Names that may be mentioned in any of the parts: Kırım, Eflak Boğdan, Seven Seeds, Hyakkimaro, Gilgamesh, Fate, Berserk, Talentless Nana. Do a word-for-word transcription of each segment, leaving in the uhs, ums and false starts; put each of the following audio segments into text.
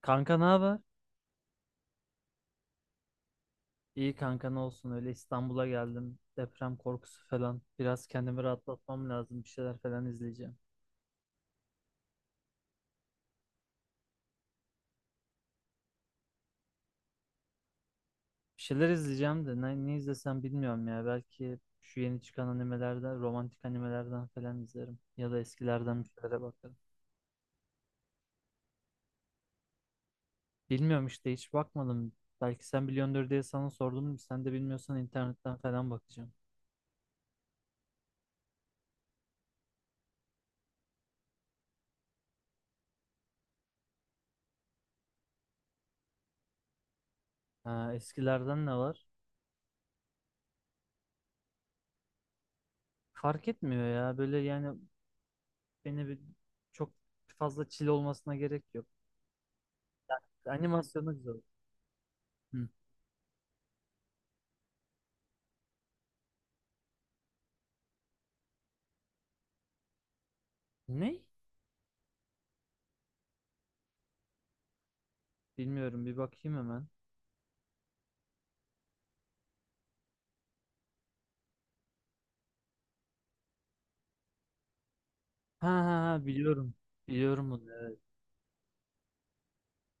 Kanka ne haber? İyi kanka ne olsun öyle İstanbul'a geldim. Deprem korkusu falan. Biraz kendimi rahatlatmam lazım. Bir şeyler falan izleyeceğim. Bir şeyler izleyeceğim de ne, ne izlesem bilmiyorum ya. Belki şu yeni çıkan animelerden, romantik animelerden falan izlerim. Ya da eskilerden bir şeylere bakarım. Bilmiyorum işte hiç bakmadım. Belki sen biliyordur diye sana sordum. Sen de bilmiyorsan internetten falan bakacağım. Ha, eskilerden ne var? Fark etmiyor ya. Böyle yani beni bir, çok fazla çile olmasına gerek yok. Animasyonu güzel. Hı. Ne? Bilmiyorum. Bir bakayım hemen. Ha ha ha biliyorum. Biliyorum bunu. Evet.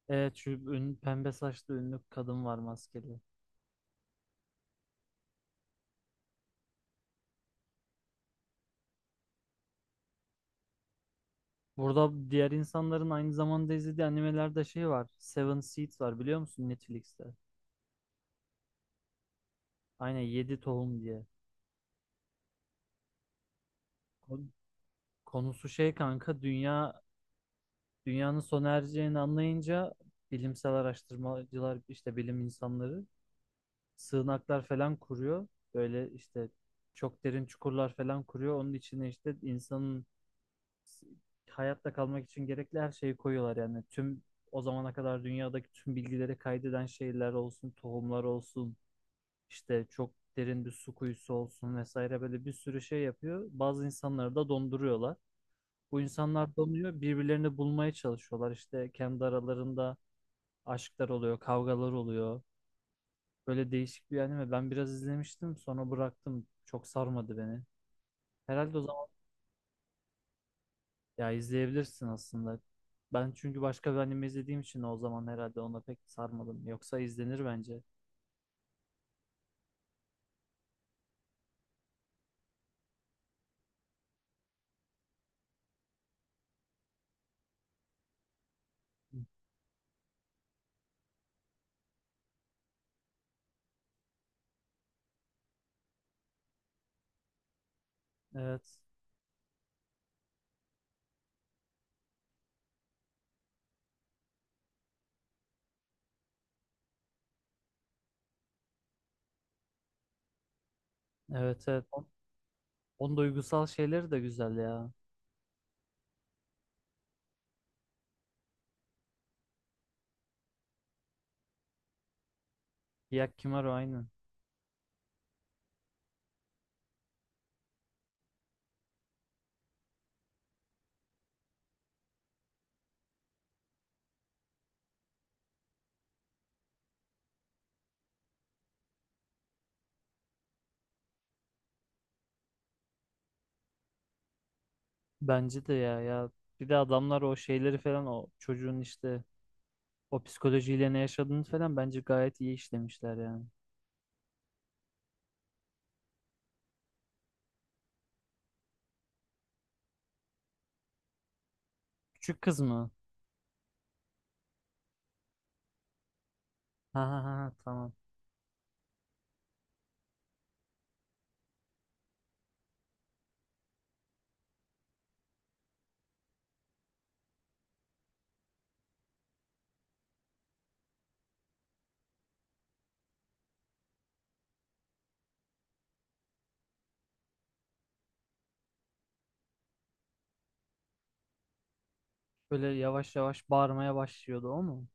Evet şu ün- pembe saçlı ünlü kadın var maskeli. Burada diğer insanların aynı zamanda izlediği animelerde şey var. Seven Seeds var biliyor musun Netflix'te? Aynen yedi tohum diye. Kon- Konusu şey kanka dünya dünyanın sona ereceğini anlayınca bilimsel araştırmacılar işte bilim insanları sığınaklar falan kuruyor. Böyle işte çok derin çukurlar falan kuruyor. Onun içine işte insanın s- hayatta kalmak için gerekli her şeyi koyuyorlar. Yani tüm o zamana kadar dünyadaki tüm bilgileri kaydeden şeyler olsun, tohumlar olsun, işte çok derin bir su kuyusu olsun vesaire böyle bir sürü şey yapıyor. Bazı insanları da donduruyorlar. Bu insanlar donuyor, birbirlerini bulmaya çalışıyorlar. İşte kendi aralarında aşklar oluyor, kavgalar oluyor. Böyle değişik bir anime. Ben biraz izlemiştim sonra bıraktım. Çok sarmadı beni. Herhalde o zaman ya izleyebilirsin aslında. Ben çünkü başka bir anime izlediğim için o zaman herhalde ona pek sarmadım. Yoksa izlenir bence. Evet. Evet evet. On- Onun duygusal şeyleri de güzel ya. Hyakkimaro aynı. Bence de ya ya. Bir de adamlar o şeyleri falan o çocuğun işte o psikolojiyle ne yaşadığını falan bence gayet iyi işlemişler yani. Küçük kız mı? Ha ha ha ha, tamam. Böyle yavaş yavaş bağırmaya başlıyordu o mu?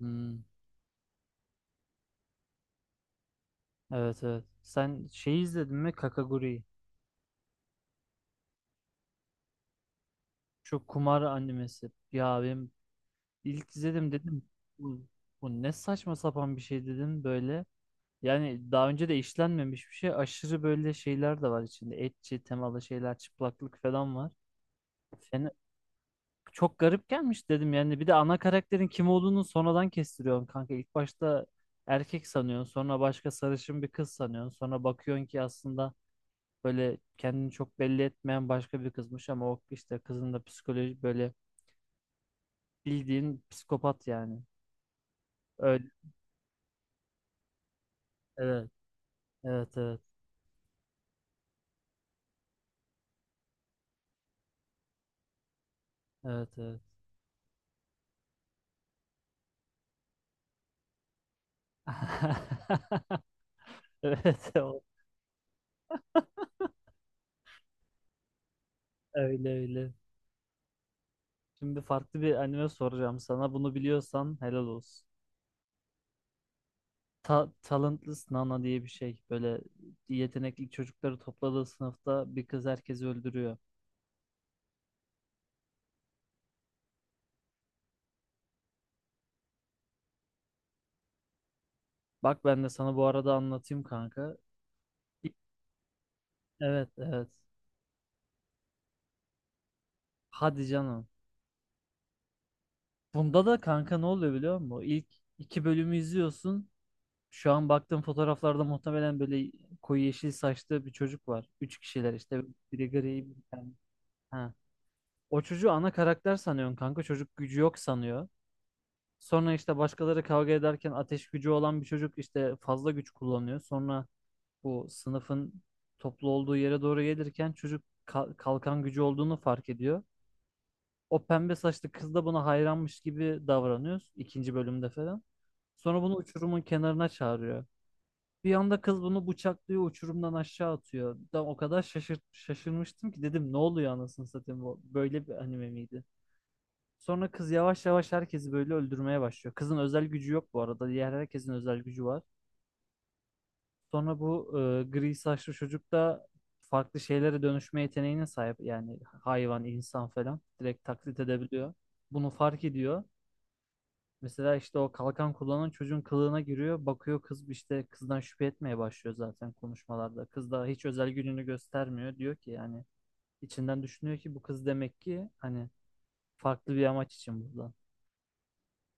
Hmm, evet evet. Sen şey izledin mi Kakaguri'yi? Şu kumar animesi. Ya benim ilk izledim dedim. Bu, bu ne saçma sapan bir şey dedim böyle. Yani daha önce de işlenmemiş bir şey. Aşırı böyle şeyler de var içinde. Etçi temalı şeyler, çıplaklık falan var. Yani çok garip gelmiş dedim. Yani bir de ana karakterin kim olduğunu sonradan kestiriyorsun kanka. İlk başta erkek sanıyorsun. Sonra başka sarışın bir kız sanıyorsun. Sonra bakıyorsun ki aslında böyle kendini çok belli etmeyen başka bir kızmış ama o işte kızın da psikoloji böyle bildiğin psikopat yani. Öyle. Evet. Evet evet. Evet evet. Evet o- öyle öyle. Şimdi farklı bir anime soracağım sana. Bunu biliyorsan helal olsun. Ta Talentless Nana diye bir şey. Böyle yetenekli çocukları topladığı sınıfta bir kız herkesi öldürüyor. Bak ben de sana bu arada anlatayım kanka. Evet evet. Hadi canım. Bunda da kanka ne oluyor biliyor musun? İlk iki bölümü izliyorsun. Şu an baktığım fotoğraflarda muhtemelen böyle koyu yeşil saçlı bir çocuk var. Üç kişiler işte. Biri gri, bir tane. Ha. O çocuğu ana karakter sanıyorsun kanka. Çocuk gücü yok sanıyor. Sonra işte başkaları kavga ederken ateş gücü olan bir çocuk işte fazla güç kullanıyor. Sonra bu sınıfın toplu olduğu yere doğru gelirken çocuk ka- kalkan gücü olduğunu fark ediyor. O pembe saçlı kız da buna hayranmış gibi davranıyoruz ikinci bölümde falan. Sonra bunu uçurumun kenarına çağırıyor. Bir anda kız bunu bıçaklıyor, uçurumdan aşağı atıyor. Ben o kadar şaşır şaşırmıştım ki dedim ne oluyor anasını satayım bu böyle bir anime miydi? Sonra kız yavaş yavaş herkesi böyle öldürmeye başlıyor. Kızın özel gücü yok bu arada. Diğer herkesin özel gücü var. Sonra bu e, gri saçlı çocuk da farklı şeylere dönüşme yeteneğine sahip. Yani hayvan, insan falan direkt taklit edebiliyor. Bunu fark ediyor. Mesela işte o kalkan kullanan çocuğun kılığına giriyor. Bakıyor kız işte kızdan şüphe etmeye başlıyor zaten konuşmalarda. Kız da hiç özel gününü göstermiyor. Diyor ki yani içinden düşünüyor ki bu kız demek ki hani farklı bir amaç için burada.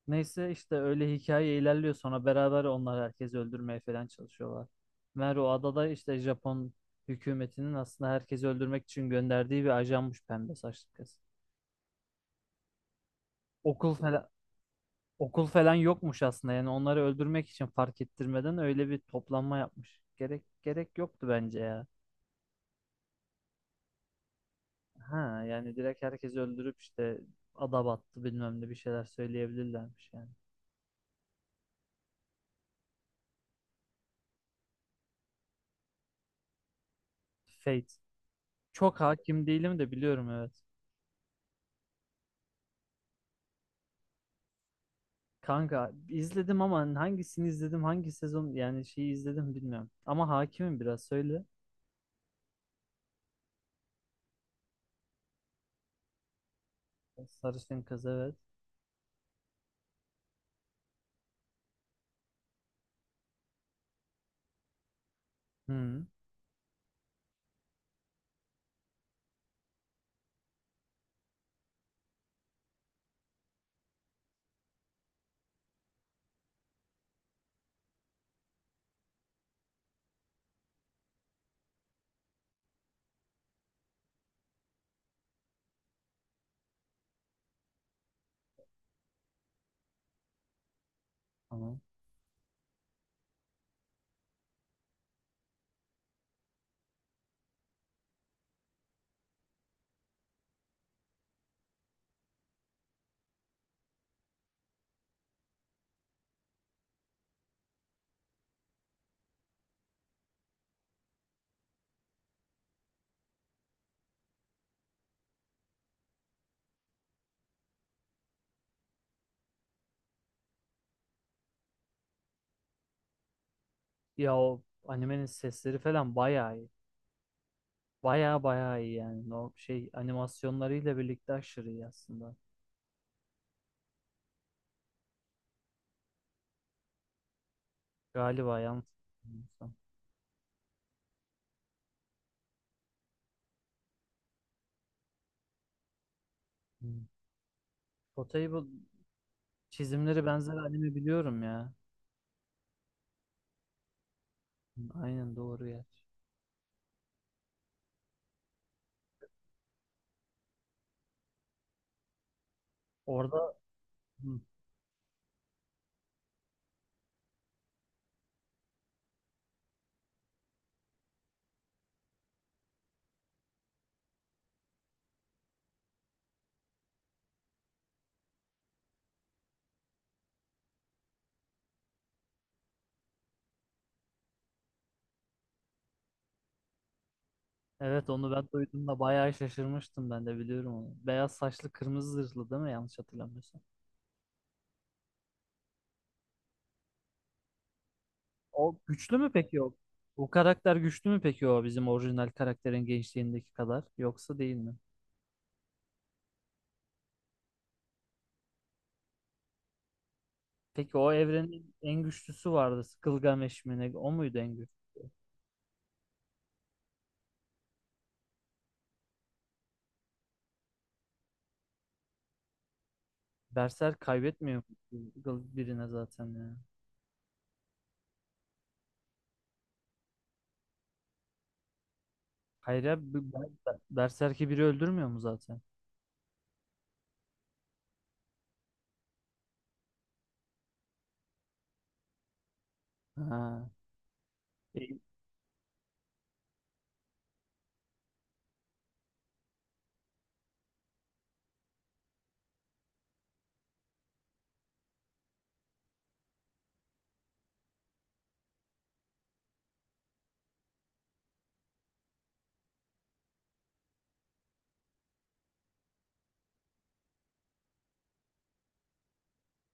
Neyse işte öyle hikaye ilerliyor sonra beraber onlar herkesi öldürmeye falan çalışıyorlar. Meğer o adada işte Japon hükümetinin aslında herkesi öldürmek için gönderdiği bir ajanmış pembe saçlı kız. Okul falan, Okul falan yokmuş aslında. Yani onları öldürmek için fark ettirmeden öyle bir toplanma yapmış. Gerek gerek yoktu bence ya. Ha yani direkt herkesi öldürüp işte ada battı bilmem ne bir şeyler söyleyebilirlermiş yani. Fate. Çok hakim değilim de biliyorum evet. Kanka izledim ama hani hangisini izledim hangi sezon yani şeyi izledim bilmiyorum. Ama hakimim biraz söyle. Sarışın kız evet. Hı, tamam. Ya o animenin sesleri falan bayağı iyi. Baya baya iyi yani. O şey animasyonlarıyla birlikte aşırı iyi aslında. Galiba yanlış. Bilmiyorsam. Hmm. Potable çizimleri benzer anime biliyorum ya. Hmm, aynen doğru ya. Orada hmm, evet onu ben duyduğumda bayağı şaşırmıştım ben de biliyorum onu. Beyaz saçlı kırmızı zırhlı değil mi yanlış hatırlamıyorsam. O güçlü mü peki o? Bu karakter güçlü mü peki o bizim orijinal karakterin gençliğindeki kadar yoksa değil mi? Peki o evrenin en güçlüsü vardı. Gilgamesh mi ne? O muydu en güçlü? Berserk kaybetmiyor mu birine zaten ya. Hayır ya bu- Ber- Ber- Berserk'i biri öldürmüyor mu zaten? Ha. E,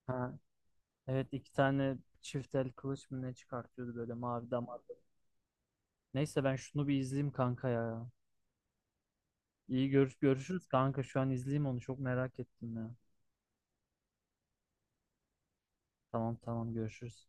ha. Evet iki tane çift el kılıç mı ne çıkartıyordu böyle mavi damarlı. Neyse ben şunu bir izleyeyim kanka ya. İyi görüş görüşürüz kanka şu an izleyeyim onu çok merak ettim ya. Tamam tamam görüşürüz.